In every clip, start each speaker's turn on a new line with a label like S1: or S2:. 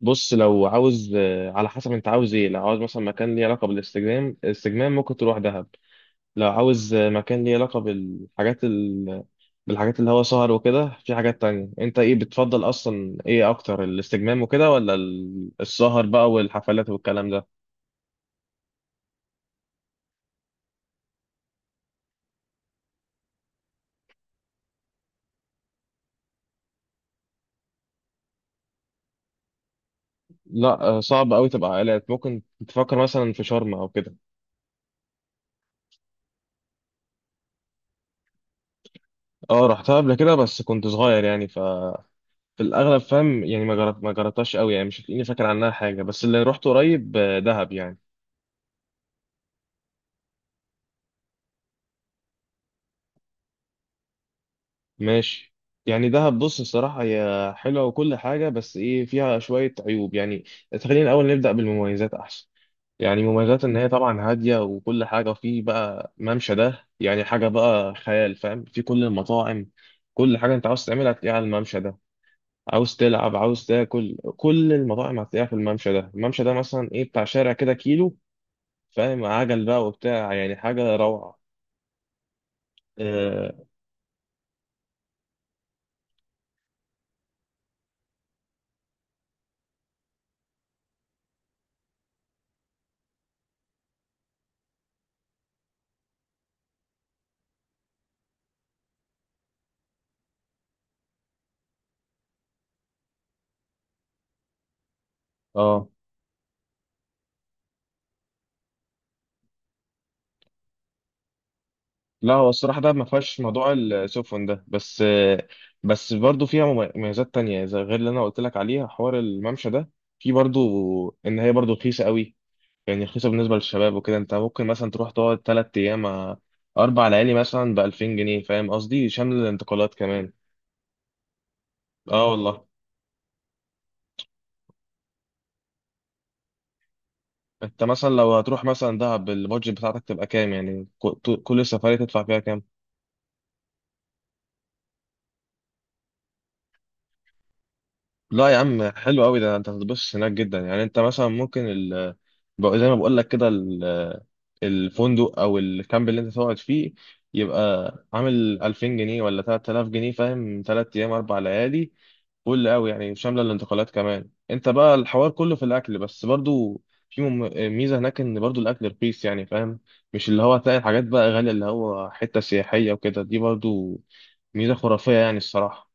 S1: بص لو عاوز على حسب انت عاوز ايه. لو عاوز مثلا مكان ليه علاقه بالاستجمام، الاستجمام ممكن تروح دهب. لو عاوز مكان ليه علاقه بالحاجات بالحاجات اللي هو سهر وكده. في حاجات تانية، انت ايه بتفضل اصلا، ايه اكتر، الاستجمام وكده ولا السهر بقى والحفلات والكلام ده؟ لا صعب قوي تبقى عائلات. ممكن تفكر مثلا في شرم او كده. اه، رحتها قبل كده بس كنت صغير يعني. في الاغلب فاهم يعني ما جربتهاش قوي يعني، مش هتلاقيني فاكر عنها حاجه. بس اللي رحت قريب دهب يعني. ماشي. يعني دهب بص الصراحة هي حلوة وكل حاجة، بس إيه فيها شوية عيوب يعني. خلينا الأول نبدأ بالمميزات أحسن. يعني مميزات إن هي طبعا هادية وكل حاجة، وفيه بقى ممشى ده يعني حاجة بقى خيال فاهم، في كل المطاعم. كل حاجة أنت عاوز تعملها هتلاقيها على الممشى ده. عاوز تلعب، عاوز تاكل، كل المطاعم هتلاقيها في الممشى ده. الممشى ده مثلا إيه، بتاع شارع كده كيلو فاهم، عجل بقى وبتاع، يعني حاجة روعة. آه. آه. لا هو الصراحة ده ما فيهاش موضوع السفن ده. بس بس برضو فيها مميزات تانية زي غير اللي أنا قلت لك عليها حوار الممشى ده. في برضو إن هي برضو رخيصة قوي. يعني رخيصة بالنسبة للشباب وكده. أنت ممكن مثلا تروح تقعد 3 أيام 4 ليالي مثلا ب2000 جنيه فاهم قصدي، شامل الانتقالات كمان. أه والله. أنت مثلا لو هتروح مثلا دهب، البادجت بتاعتك تبقى كام؟ يعني كل السفرية تدفع فيها كام؟ لا يا عم، حلو قوي ده. انت هتتبسط هناك جدا. يعني انت مثلا ممكن زي ما بقول لك كده الفندق او الكامب اللي انت تقعد فيه يبقى عامل 2000 جنيه ولا 3000 جنيه فاهم، 3 ايام 4 ليالي. فل قوي يعني، شامله الانتقالات كمان. انت بقى الحوار كله في الاكل بس. برضو في ميزه هناك ان برضو الاكل رخيص يعني فاهم. مش اللي هو هتلاقي الحاجات بقى غاليه اللي هو حته سياحيه وكده. دي برضو ميزه خرافيه يعني الصراحه.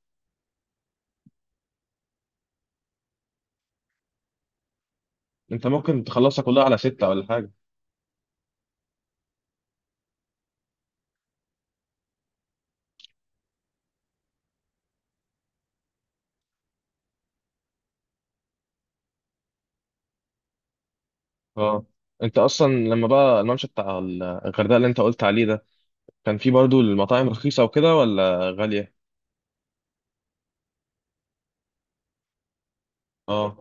S1: انت ممكن تخلصها كلها على ستة ولا حاجه. اه، انت اصلا لما بقى الممشى بتاع الغردقه اللي انت قلت عليه ده، كان فيه برضو المطاعم رخيصه وكده ولا غاليه؟ اه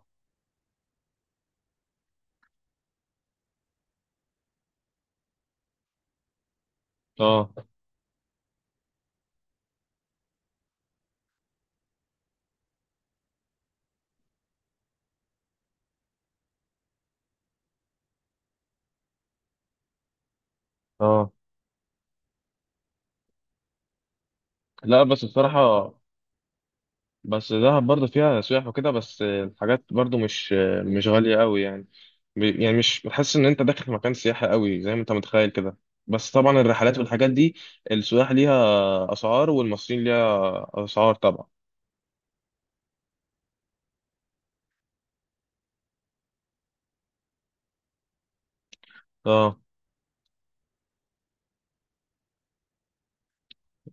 S1: اه اه. لا بس بصراحه. بس دهب برضو فيها سياح وكده، بس الحاجات برضو مش غاليه قوي يعني. يعني مش بتحس ان انت داخل في مكان سياحي قوي زي ما انت متخيل كده. بس طبعا الرحلات والحاجات دي، السياح ليها اسعار والمصريين ليها اسعار طبعا. اه،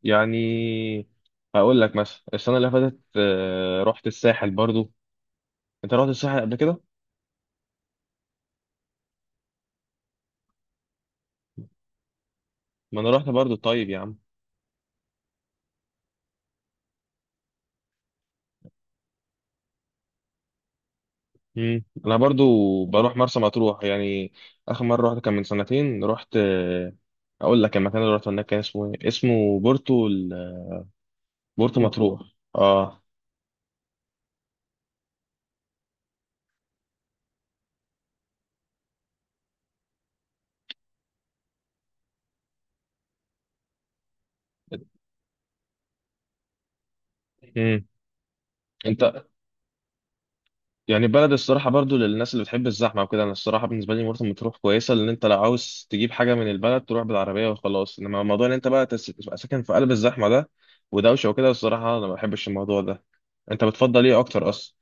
S1: يعني هقول لك مثلا السنة اللي فاتت رحت الساحل برضو. انت رحت الساحل قبل كده؟ ما انا رحت برضو طيب يا عم. انا برضو بروح مرسى مطروح يعني. اخر مرة رحت كان من سنتين. رحت اقول لك المكان اللي رحت هناك كان اسمه ايه؟ اسمه بورتو بورتو مطروح. اه. مم. انت يعني بلد الصراحة برضو للناس اللي بتحب الزحمة وكده. أنا الصراحة بالنسبة لي مرسى مطروح كويسة، لأن أنت لو عاوز تجيب حاجة من البلد تروح بالعربية وخلاص. إنما موضوع إن أنت بقى تبقى ساكن في قلب الزحمة ده ودوشة وكده، الصراحة أنا ما بحبش الموضوع ده. أنت بتفضل إيه أكتر أصلا؟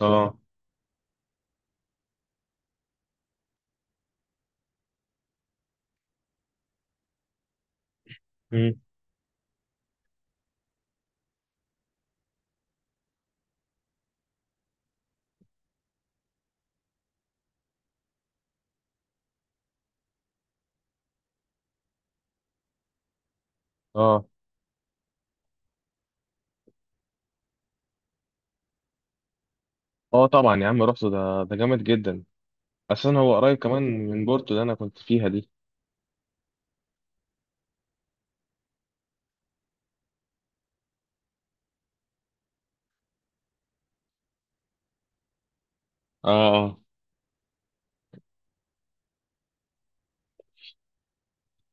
S1: آه. مم. آه آه طبعا يا عم رحت. ده جامد جدا. أساسا هو قريب كمان من بورتو اللي أنا كنت فيها دي. آه آه.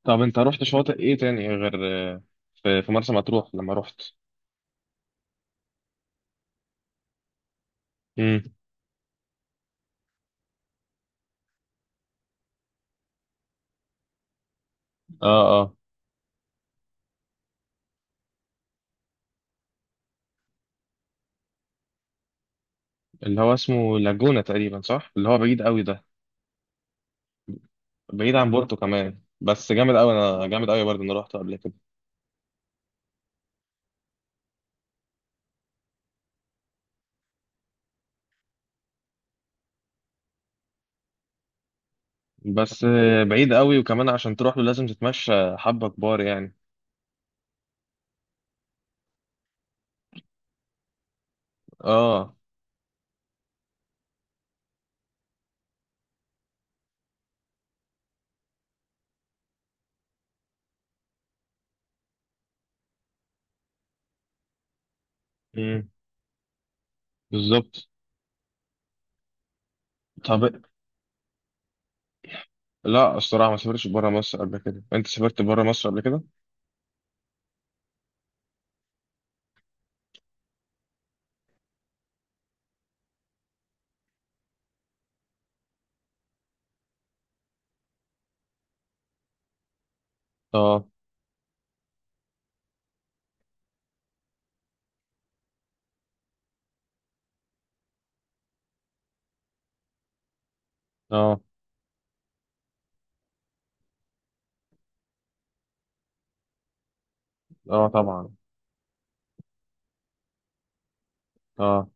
S1: طب أنت رحت شواطئ إيه تاني غير آه، في مرسى مطروح لما رحت؟ مم. آه، اللي هو اسمه لاجونا تقريبا صح، اللي هو بعيد قوي ده؟ بعيد عن بورتو كمان بس جامد قوي. انا جامد قوي برضه انا رحته قبل كده. بس بعيد قوي وكمان عشان تروح له لازم تتمشى حبة كبار يعني. اه، امم، بالظبط. طب لا الصراحة ما سافرتش بره مصر قبل كده. انت سافرت بره مصر قبل كده؟ اه اه اه طبعا اه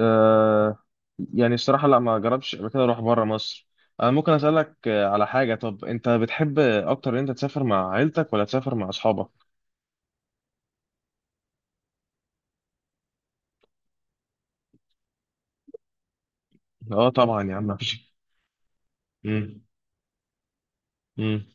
S1: آه. يعني الصراحة لا، ما جربتش قبل كده اروح بره مصر. انا ممكن اسألك على حاجة؟ طب انت بتحب اكتر ان انت تسافر مع عيلتك ولا تسافر مع اصحابك؟ اه طبعا يا عم مفيش. مم. مم.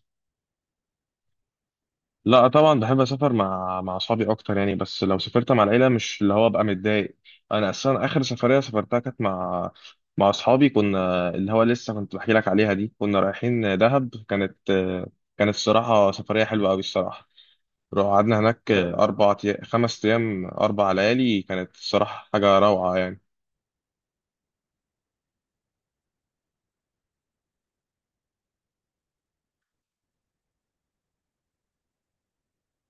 S1: لا طبعا بحب اسافر مع اصحابي اكتر يعني. بس لو سافرت مع العيلة مش اللي هو بقى متضايق. انا اصلا اخر سفرية سافرتها كانت مع اصحابي. كنا اللي هو لسه كنت بحكي لك عليها دي، كنا رايحين دهب. كانت الصراحة سفرية حلوة قوي الصراحة. روح قعدنا هناك أربع 5 أيام، 4 ليالي. كانت الصراحة حاجة روعة يعني.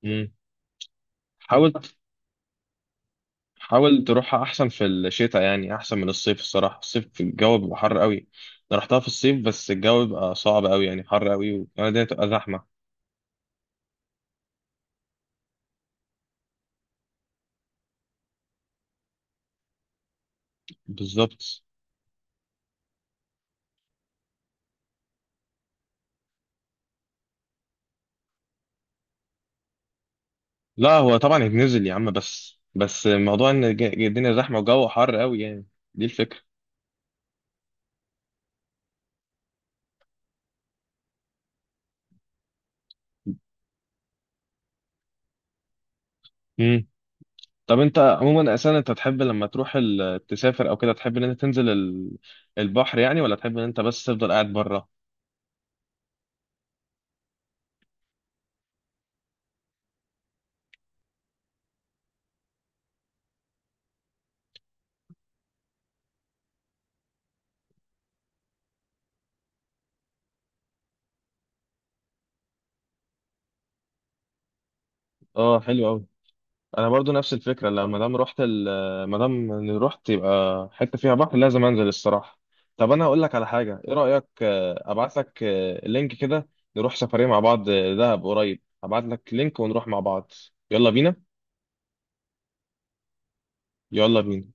S1: امم حاول. حاول تروحها أحسن في الشتاء، يعني أحسن من الصيف الصراحة. الصيف في الجو بيبقى حر قوي. أنا رحتها في الصيف بس الجو بيبقى صعب قوي يعني، حر قوي وكمان الدنيا بتبقى زحمة. بالظبط. لا هو طبعا يتنزل يا عم، بس موضوع إن الدنيا زحمة وجو حر قوي يعني. دي الفكرة. طب انت عموما اساسا، انت تحب لما تروح تسافر او كده تحب ان انت تنزل البحر يعني، ولا تحب ان انت بس تفضل قاعد بره؟ اه، حلو قوي. انا برضو نفس الفكره. لما دام رحت ما دام إني رحت يبقى حته فيها بحر لازم انزل الصراحه. طب انا هقول لك على حاجه. ايه رايك ابعت لك لينك كده؟ نروح سفريه مع بعض دهب قريب. ابعت لك لينك ونروح مع بعض. يلا بينا. يلا بينا.